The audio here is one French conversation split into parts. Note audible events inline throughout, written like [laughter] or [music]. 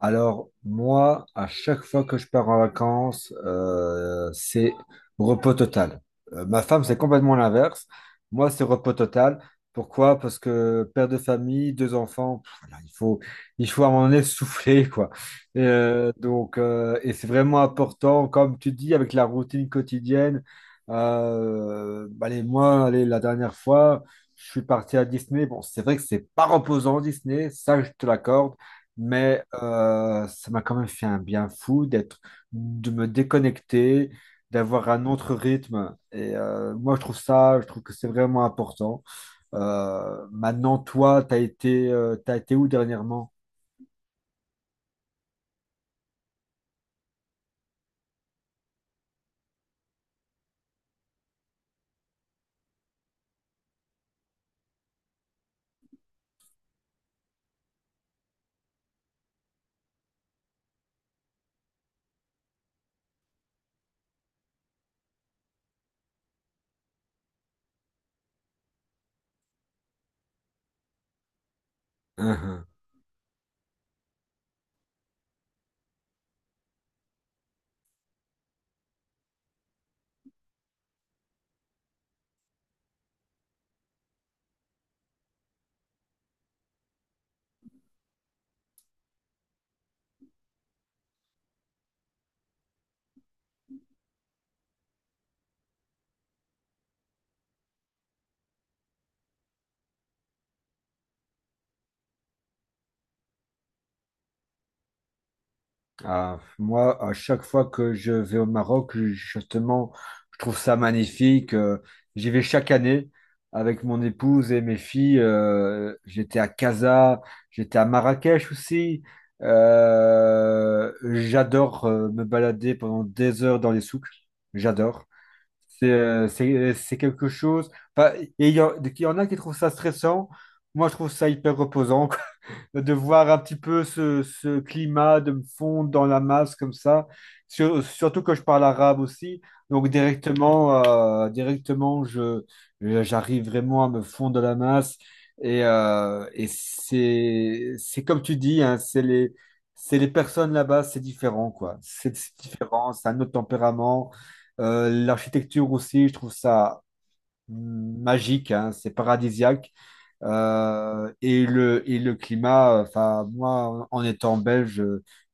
Alors, moi, à chaque fois que je pars en vacances, c'est repos total. Ma femme, c'est complètement l'inverse. Moi, c'est repos total. Pourquoi? Parce que père de famille, deux enfants, pff, voilà, il faut à un moment donné souffler, [laughs] quoi. Et c'est vraiment important, comme tu dis, avec la routine quotidienne. Bah, allez, moi, allez, la dernière fois, je suis parti à Disney. Bon, c'est vrai que c'est pas reposant, Disney, ça, je te l'accorde. Mais ça m'a quand même fait un bien fou de me déconnecter, d'avoir un autre rythme. Et moi, je trouve que c'est vraiment important. Maintenant, toi, t'as été où dernièrement? Ah, moi, à chaque fois que je vais au Maroc, justement, je trouve ça magnifique. J'y vais chaque année avec mon épouse et mes filles. J'étais à Casa, j'étais à Marrakech aussi. J'adore me balader pendant des heures dans les souks. J'adore. C'est quelque chose. Enfin, il y en a qui trouvent ça stressant. Moi, je trouve ça hyper reposant, quoi, [laughs] de voir un petit peu ce climat, de me fondre dans la masse comme ça. Surtout que je parle arabe aussi. Donc, directement, euh, directement je, j'arrive vraiment à me fondre dans la masse. Et c'est comme tu dis, hein, c'est les personnes là-bas, c'est différent, quoi. C'est différent, c'est un autre tempérament. L'architecture aussi, je trouve ça magique, hein, c'est paradisiaque. Et le climat, enfin, moi, en étant belge,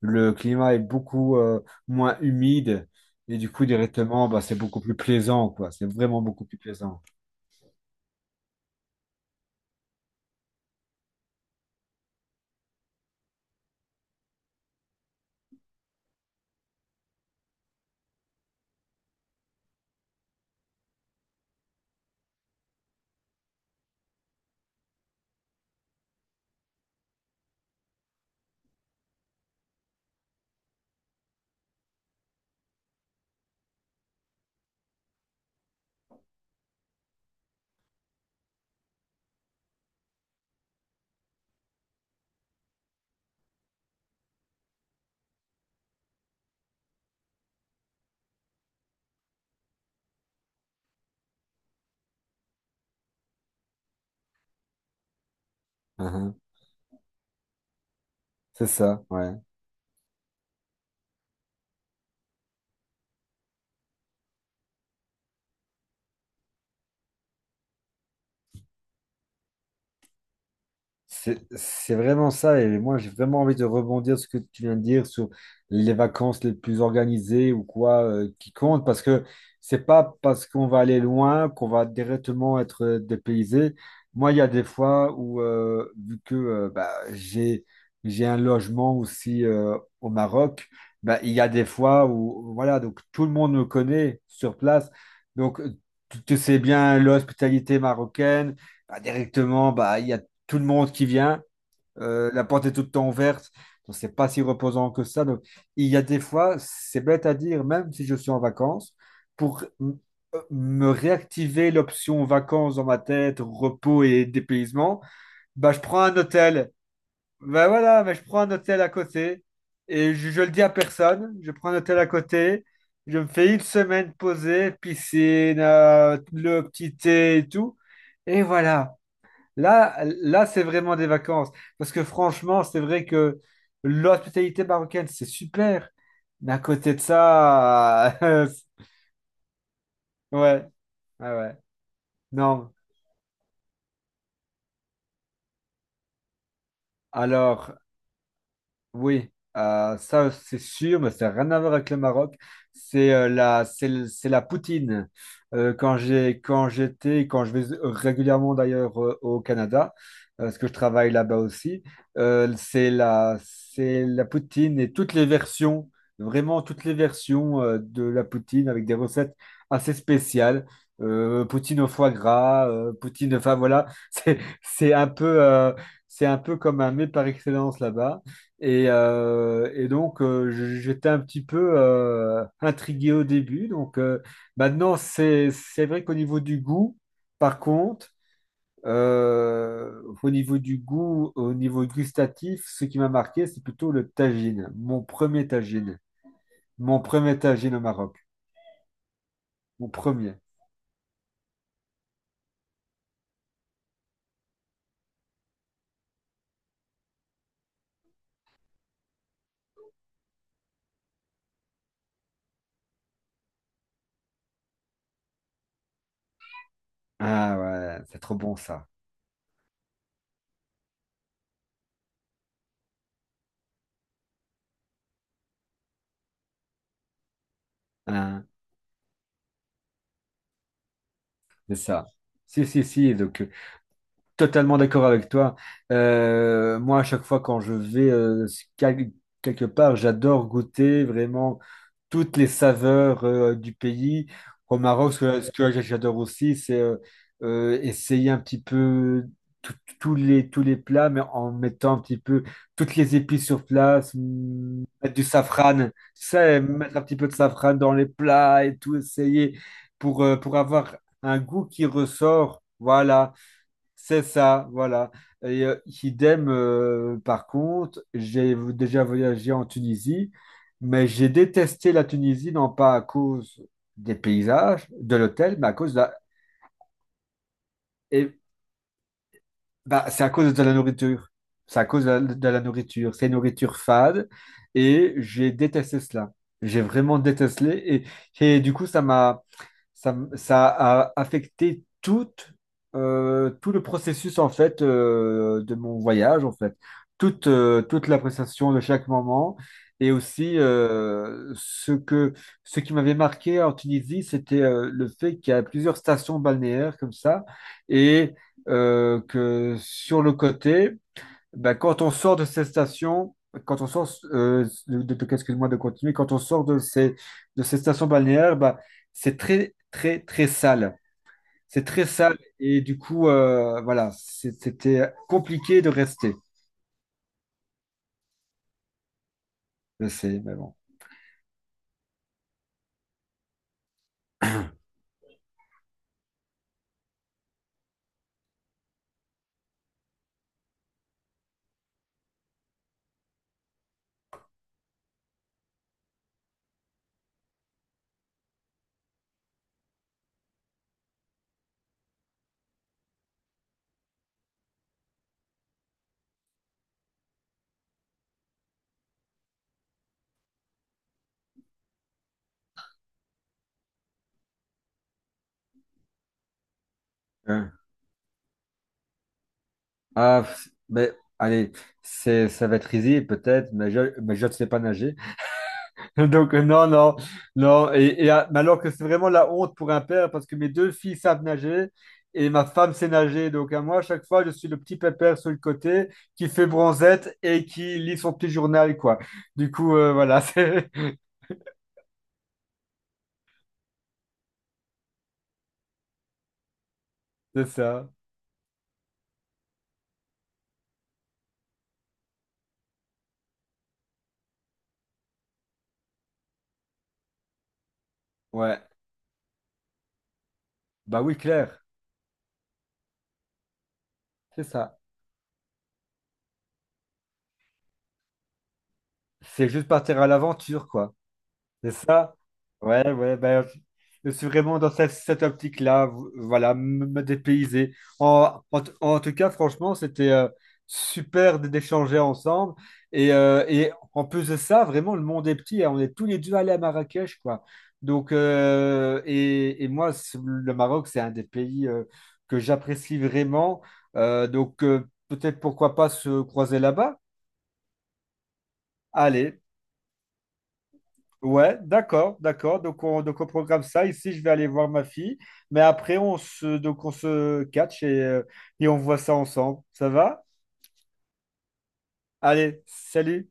le climat est beaucoup moins humide. Et du coup, directement, bah, c'est beaucoup plus plaisant, quoi. C'est vraiment beaucoup plus plaisant. Mhm. C'est ça, ouais. C'est vraiment ça, et moi j'ai vraiment envie de rebondir sur ce que tu viens de dire sur les vacances les plus organisées ou quoi qui comptent, parce que c'est pas parce qu'on va aller loin qu'on va directement être dépaysé. Moi, il y a des fois où, vu que bah, j'ai un logement aussi au Maroc, bah, il y a des fois où, voilà, donc tout le monde me connaît sur place, donc tu sais bien l'hospitalité marocaine, bah, directement, bah, il y a tout le monde qui vient, la porte est tout le temps ouverte, donc c'est pas si reposant que ça. Donc il y a des fois, c'est bête à dire, même si je suis en vacances, pour me réactiver l'option vacances dans ma tête, repos et dépaysement, bah je prends un hôtel. Bah voilà, mais je prends un hôtel à côté et je le dis à personne, je prends un hôtel à côté. Je me fais une semaine posée, piscine, le petit thé et tout. Et voilà. Là, c'est vraiment des vacances. Parce que franchement, c'est vrai que l'hospitalité marocaine, c'est super. Mais à côté de ça, [laughs] ouais, ouais. Non. Alors, oui, ça c'est sûr, mais ça n'a rien à voir avec le Maroc. C'est la poutine. Quand j'ai, quand j'étais, quand je vais régulièrement d'ailleurs au Canada, parce que je travaille là-bas aussi, c'est la poutine et toutes les versions, vraiment toutes les versions de la poutine avec des recettes assez spéciales. Poutine au foie gras, poutine, enfin voilà, [laughs] c'est un peu comme un mets par excellence là-bas. Et donc, j'étais un petit peu intrigué au début. Maintenant, c'est vrai qu'au niveau du goût, par contre, au niveau du goût, au niveau gustatif, ce qui m'a marqué, c'est plutôt le tagine. Mon premier tagine. Mon premier tagine au Maroc. Mon premier. Ah ouais, c'est trop bon ça. Hein, c'est ça. Si, si, si. Donc, totalement d'accord avec toi. Moi, à chaque fois quand je vais quel- quelque part, j'adore goûter vraiment toutes les saveurs du pays. Au Maroc, ce que j'adore aussi, c'est essayer un petit peu tout- tous les plats, mais en mettant un petit peu toutes les épices sur place, mm, mettre du safran, ça mettre un petit peu de safran dans les plats et tout, essayer pour avoir un goût qui ressort. Voilà. C'est ça, voilà. Et idem, par contre, j'ai déjà voyagé en Tunisie, mais j'ai détesté la Tunisie, non pas à cause des paysages, de l'hôtel, mais à cause de la, é- bah, c'est à cause de la nourriture. C'est à cause de de la nourriture. C'est une nourriture fade et j'ai détesté cela. J'ai vraiment détesté, et du coup, ça m'a, ça, m- ça a affecté tout le processus en fait de mon voyage en fait. Toute l'appréciation de chaque moment et aussi ce qui m'avait marqué en Tunisie, c'était le fait qu'il y a plusieurs stations balnéaires comme ça et que sur le côté, ben, quand on sort de ces stations, quand on sort, de- excuse-moi de continuer, quand on sort de ces stations balnéaires, ben, c'est très, très, très sale. C'est très sale et du coup, voilà, c'était compliqué de rester. Je sais, mais bon. Hein. Ah, mais allez, c'est, ça va être easy peut-être, mais je ne sais pas nager. [laughs] Donc, non. Mais alors que c'est vraiment la honte pour un père parce que mes deux filles savent nager et ma femme sait nager. Donc, à moi, à chaque fois, je suis le petit pépère sur le côté qui fait bronzette et qui lit son petit journal, quoi. Du coup, voilà, [laughs] c'est ça. Ouais. Bah oui, Claire, c'est ça. C'est juste partir à l'aventure, quoi. C'est ça? Ouais, ouais, ben, je suis vraiment dans cette, cette optique-là, voilà, me dépayser. En tout cas, franchement, c'était super d'échanger ensemble. Et en plus de ça, vraiment, le monde est petit, hein. On est tous les deux allés à Marrakech, quoi. Donc, et moi, le Maroc, c'est un des pays que j'apprécie vraiment. Donc, peut-être pourquoi pas se croiser là-bas? Allez. Ouais, d'accord, d'accord. Donc on programme ça. Ici, je vais aller voir ma fille. Mais après, donc on se catch et on voit ça ensemble. Ça va? Allez, salut!